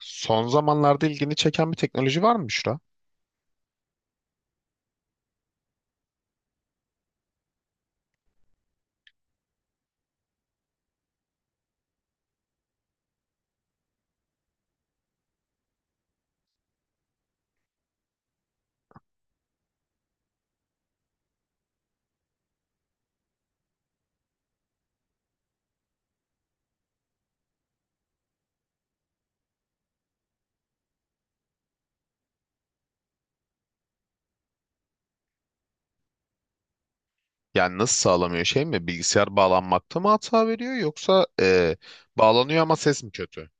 Son zamanlarda ilgini çeken bir teknoloji var mı, Büşra? Yani nasıl sağlamıyor, şey mi? Bilgisayar bağlanmakta mı hata veriyor, yoksa bağlanıyor ama ses mi kötü?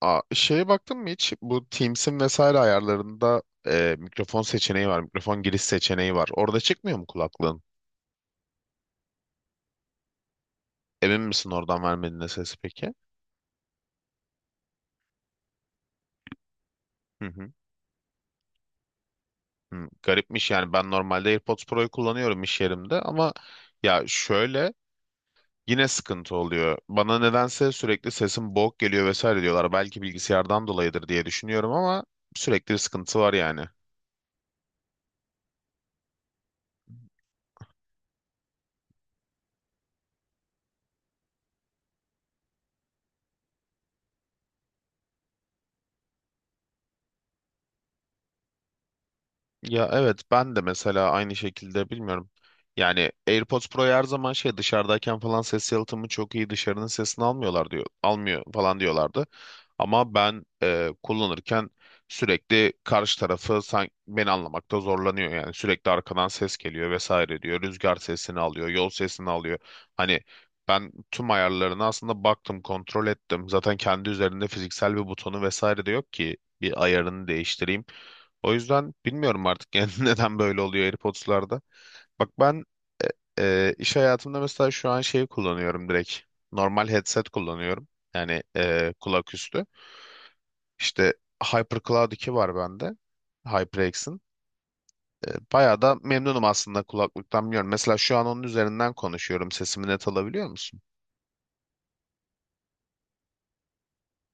Aa, şeye baktın mı hiç? Bu Teams'in vesaire ayarlarında mikrofon seçeneği var. Mikrofon giriş seçeneği var. Orada çıkmıyor mu kulaklığın? Emin misin oradan vermediğine sesi peki? Hı hı. Hı. Garipmiş yani, ben normalde AirPods Pro'yu kullanıyorum iş yerimde ama ya şöyle, yine sıkıntı oluyor. Bana nedense sürekli sesim boğuk geliyor vesaire diyorlar. Belki bilgisayardan dolayıdır diye düşünüyorum ama sürekli bir sıkıntı var yani. Ya evet, ben de mesela aynı şekilde bilmiyorum. Yani AirPods Pro'yu her zaman şey, dışarıdayken falan ses yalıtımı çok iyi, dışarının sesini almıyorlar diyor. Almıyor falan diyorlardı. Ama ben kullanırken sürekli karşı tarafı sanki beni anlamakta zorlanıyor. Yani sürekli arkadan ses geliyor vesaire diyor. Rüzgar sesini alıyor, yol sesini alıyor. Hani ben tüm ayarlarına aslında baktım, kontrol ettim. Zaten kendi üzerinde fiziksel bir butonu vesaire de yok ki bir ayarını değiştireyim. O yüzden bilmiyorum artık yani, neden böyle oluyor AirPods'larda. Bak ben iş hayatımda mesela şu an şey kullanıyorum direkt. Normal headset kullanıyorum. Yani kulak üstü. İşte HyperCloud 2 var bende. HyperX'in. Bayağı da memnunum aslında kulaklıktan, biliyorum. Mesela şu an onun üzerinden konuşuyorum. Sesimi net alabiliyor musun?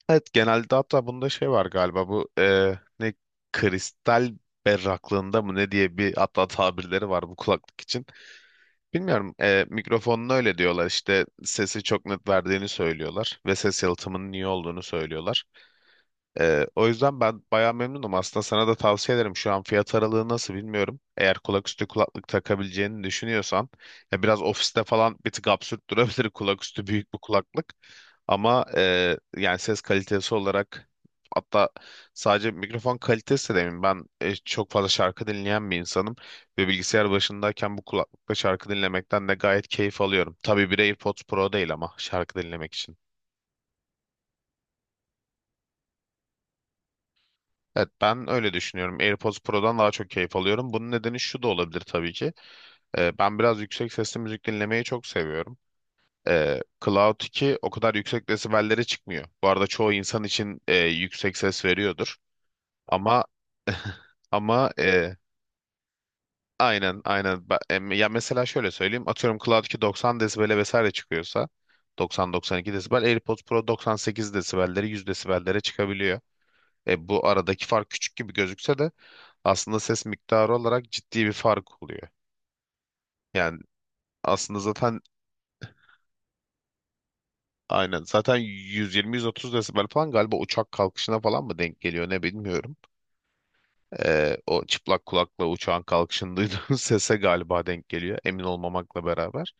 Evet genelde. Hatta bunda şey var galiba, bu ne, kristal berraklığında mı ne diye bir hatta tabirleri var bu kulaklık için. Bilmiyorum. Mikrofonun öyle diyorlar. İşte sesi çok net verdiğini söylüyorlar ve ses yalıtımının iyi olduğunu söylüyorlar. O yüzden ben bayağı memnunum. Aslında sana da tavsiye ederim. Şu an fiyat aralığı nasıl bilmiyorum. Eğer kulaküstü kulaklık takabileceğini düşünüyorsan, ya biraz ofiste falan bir tık absürt durabilir kulaküstü büyük bir kulaklık. Ama yani ses kalitesi olarak, hatta sadece mikrofon kalitesi de demeyeyim. Ben çok fazla şarkı dinleyen bir insanım ve bilgisayar başındayken bu kulaklıkla şarkı dinlemekten de gayet keyif alıyorum. Tabii bir AirPods Pro değil ama, şarkı dinlemek için. Evet ben öyle düşünüyorum. AirPods Pro'dan daha çok keyif alıyorum. Bunun nedeni şu da olabilir tabii ki. Ben biraz yüksek sesli müzik dinlemeyi çok seviyorum. Cloud 2 o kadar yüksek desibellere çıkmıyor. Bu arada çoğu insan için yüksek ses veriyordur. Ama ama aynen aynen. Ya mesela şöyle söyleyeyim. Atıyorum Cloud 2 90 desibele vesaire çıkıyorsa 90-92 desibel, AirPods Pro 98 desibelleri, 100 desibellere çıkabiliyor. Bu aradaki fark küçük gibi gözükse de aslında ses miktarı olarak ciddi bir fark oluyor. Yani aslında zaten aynen zaten 120-130 desibel falan galiba uçak kalkışına falan mı denk geliyor ne, bilmiyorum. O çıplak kulakla uçağın kalkışını duyduğun sese galiba denk geliyor, emin olmamakla beraber.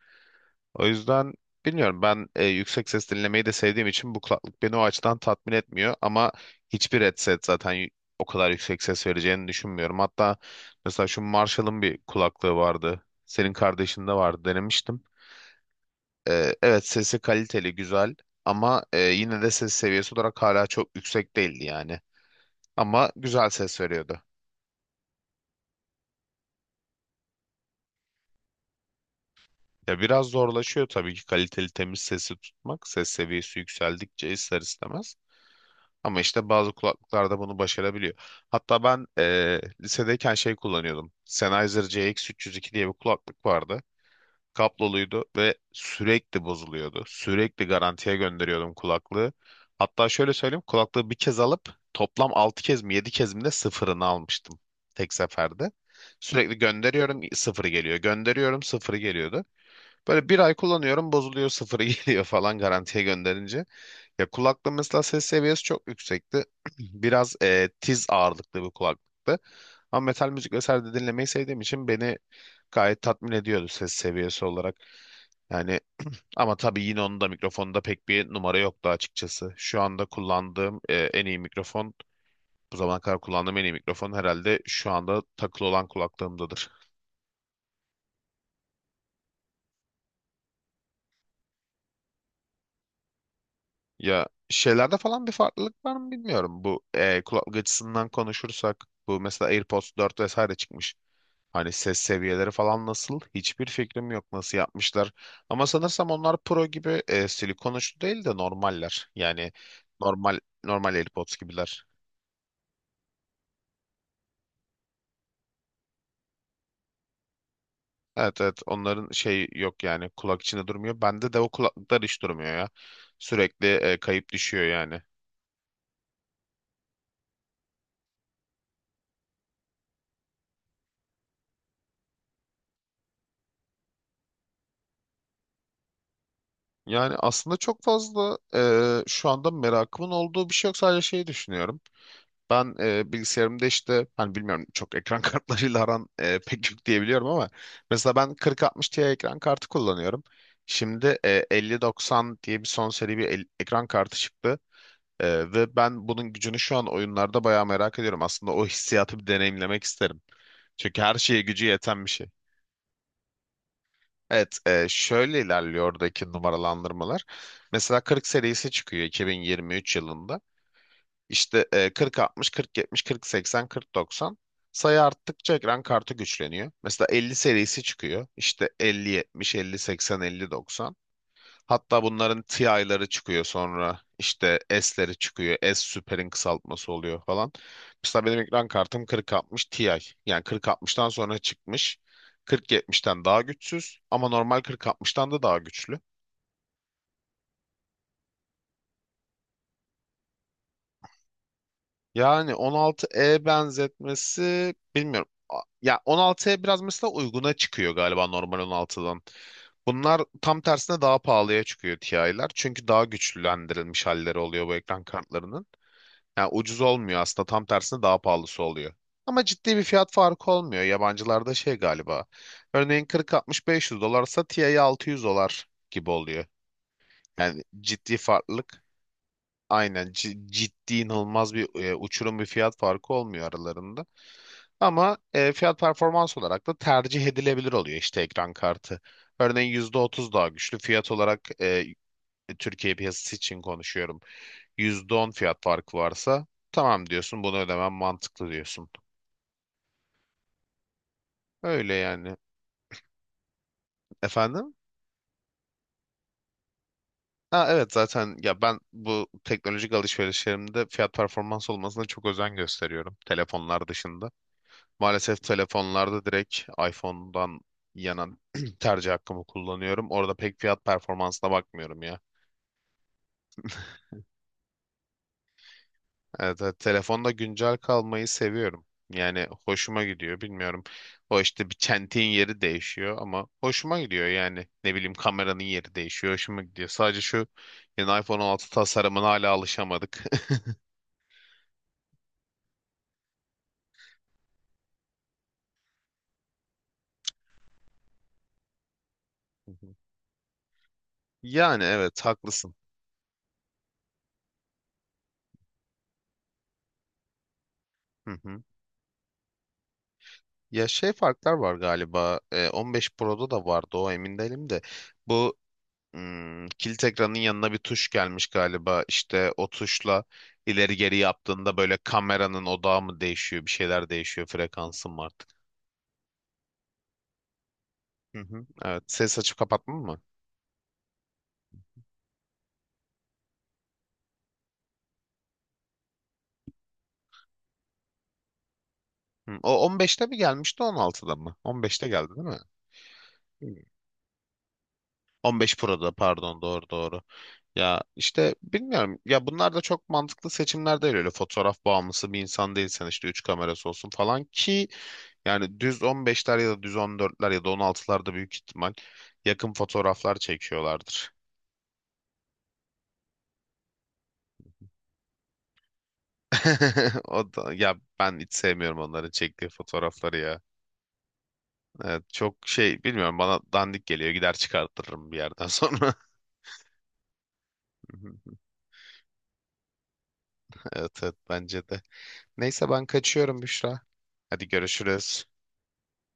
O yüzden bilmiyorum, ben yüksek ses dinlemeyi de sevdiğim için bu kulaklık beni o açıdan tatmin etmiyor ama hiçbir headset zaten o kadar yüksek ses vereceğini düşünmüyorum. Hatta mesela şu Marshall'ın bir kulaklığı vardı. Senin kardeşinde vardı, denemiştim. Evet, sesi kaliteli, güzel ama yine de ses seviyesi olarak hala çok yüksek değildi yani. Ama güzel ses veriyordu. Ya biraz zorlaşıyor tabii ki kaliteli temiz sesi tutmak. Ses seviyesi yükseldikçe ister istemez. Ama işte bazı kulaklıklarda bunu başarabiliyor. Hatta ben lisedeyken şey kullanıyordum. Sennheiser CX302 diye bir kulaklık vardı. Kabloluydu ve sürekli bozuluyordu. Sürekli garantiye gönderiyordum kulaklığı. Hatta şöyle söyleyeyim kulaklığı bir kez alıp toplam 6 kez mi 7 kez mi de sıfırını almıştım, tek seferde. Sürekli gönderiyorum, sıfırı geliyor. Gönderiyorum, sıfırı geliyordu. Böyle bir ay kullanıyorum, bozuluyor, sıfırı geliyor falan garantiye gönderince. Ya kulaklığı mesela ses seviyesi çok yüksekti. Biraz tiz ağırlıklı bir kulaklıktı. Ama metal müzik vesaire de dinlemeyi sevdiğim için beni gayet tatmin ediyordu ses seviyesi olarak. Yani ama tabii yine onun da mikrofonda pek bir numara yoktu açıkçası. Şu anda kullandığım en iyi mikrofon, bu zamana kadar kullandığım en iyi mikrofon herhalde şu anda takılı olan kulaklığımdadır. Ya şeylerde falan bir farklılık var mı bilmiyorum. Bu kulaklık açısından konuşursak, bu mesela AirPods 4 vesaire çıkmış. Hani ses seviyeleri falan nasıl? Hiçbir fikrim yok nasıl yapmışlar. Ama sanırsam onlar Pro gibi silikon uçlu değil de normaller. Yani normal normal AirPods gibiler. Evet evet, onların şey yok yani, kulak içinde durmuyor. Bende de o kulaklıklar hiç durmuyor ya. Sürekli kayıp düşüyor yani. Yani aslında çok fazla şu anda merakımın olduğu bir şey yok. Sadece şeyi düşünüyorum. Ben bilgisayarımda işte hani bilmiyorum, çok ekran kartlarıyla aran pek yok diyebiliyorum ama mesela ben 4060 Ti ekran kartı kullanıyorum. Şimdi 5090 diye bir son seri bir ekran kartı çıktı. Ve ben bunun gücünü şu an oyunlarda bayağı merak ediyorum. Aslında o hissiyatı bir deneyimlemek isterim. Çünkü her şeye gücü yeten bir şey. Evet, şöyle ilerliyor oradaki numaralandırmalar. Mesela 40 serisi çıkıyor 2023 yılında. İşte 40-60, 40-70, 40-80, 40-90. Sayı arttıkça ekran kartı güçleniyor. Mesela 50 serisi çıkıyor. İşte 50-70, 50-80, 50-90. Hatta bunların Ti'ları çıkıyor sonra. İşte S'leri çıkıyor. S süperin kısaltması oluyor falan. Mesela benim ekran kartım 40-60 Ti. Yani 40-60'tan sonra çıkmış. 40-70'ten daha güçsüz ama normal 40-60'tan da daha güçlü. Yani 16E benzetmesi bilmiyorum. Ya 16E biraz mesela uyguna çıkıyor galiba normal 16'dan. Bunlar tam tersine daha pahalıya çıkıyor, TI'ler. Çünkü daha güçlülendirilmiş halleri oluyor bu ekran kartlarının. Yani ucuz olmuyor, aslında tam tersine daha pahalısı oluyor. Ama ciddi bir fiyat farkı olmuyor. Yabancılarda şey galiba. Örneğin 40-60-500 dolarsa TI 600 dolar gibi oluyor. Yani ciddi farklılık, aynen. Ciddi inanılmaz bir uçurum bir fiyat farkı olmuyor aralarında. Ama fiyat performans olarak da tercih edilebilir oluyor işte ekran kartı. Örneğin %30 daha güçlü fiyat olarak Türkiye piyasası için konuşuyorum. %10 fiyat farkı varsa tamam diyorsun, bunu ödemem mantıklı diyorsun. Öyle yani. Efendim? Ha, evet zaten ya, ben bu teknolojik alışverişlerimde fiyat performans olmasına çok özen gösteriyorum telefonlar dışında. Maalesef telefonlarda direkt iPhone'dan yana tercih hakkımı kullanıyorum. Orada pek fiyat performansına bakmıyorum ya. Evet, evet, telefonda güncel kalmayı seviyorum. Yani hoşuma gidiyor, bilmiyorum. O işte bir çentiğin yeri değişiyor ama hoşuma gidiyor yani. Ne bileyim, kameranın yeri değişiyor, hoşuma gidiyor. Sadece şu yeni iPhone 16 tasarımına hala alışamadık. Hı hı. Yani evet haklısın. Hı hı. Ya şey farklar var galiba. 15 Pro'da da vardı o, emin değilim de. Bu, hmm, kilit ekranın yanına bir tuş gelmiş galiba. İşte o tuşla ileri geri yaptığında böyle kameranın odağı mı değişiyor, bir şeyler değişiyor, frekansı mı artık? Hı hı. Evet, ses açıp kapatma mı? Hı, o 15'te mi gelmişti, 16'da mı? 15'te geldi değil mi? 15 Pro'da pardon, doğru doğru. Ya işte bilmiyorum ya, bunlar da çok mantıklı seçimler değil, öyle fotoğraf bağımlısı bir insan değilsen işte 3 kamerası olsun falan ki, yani düz 15'ler ya da düz 14'ler ya da 16'larda büyük ihtimal yakın fotoğraflar çekiyorlardır. O da, ya ben hiç sevmiyorum onların çektiği fotoğrafları ya. Evet, çok şey bilmiyorum, bana dandik geliyor, gider çıkartırım bir yerden sonra. Evet evet, bence de. Neyse ben kaçıyorum Büşra. Hadi görüşürüz.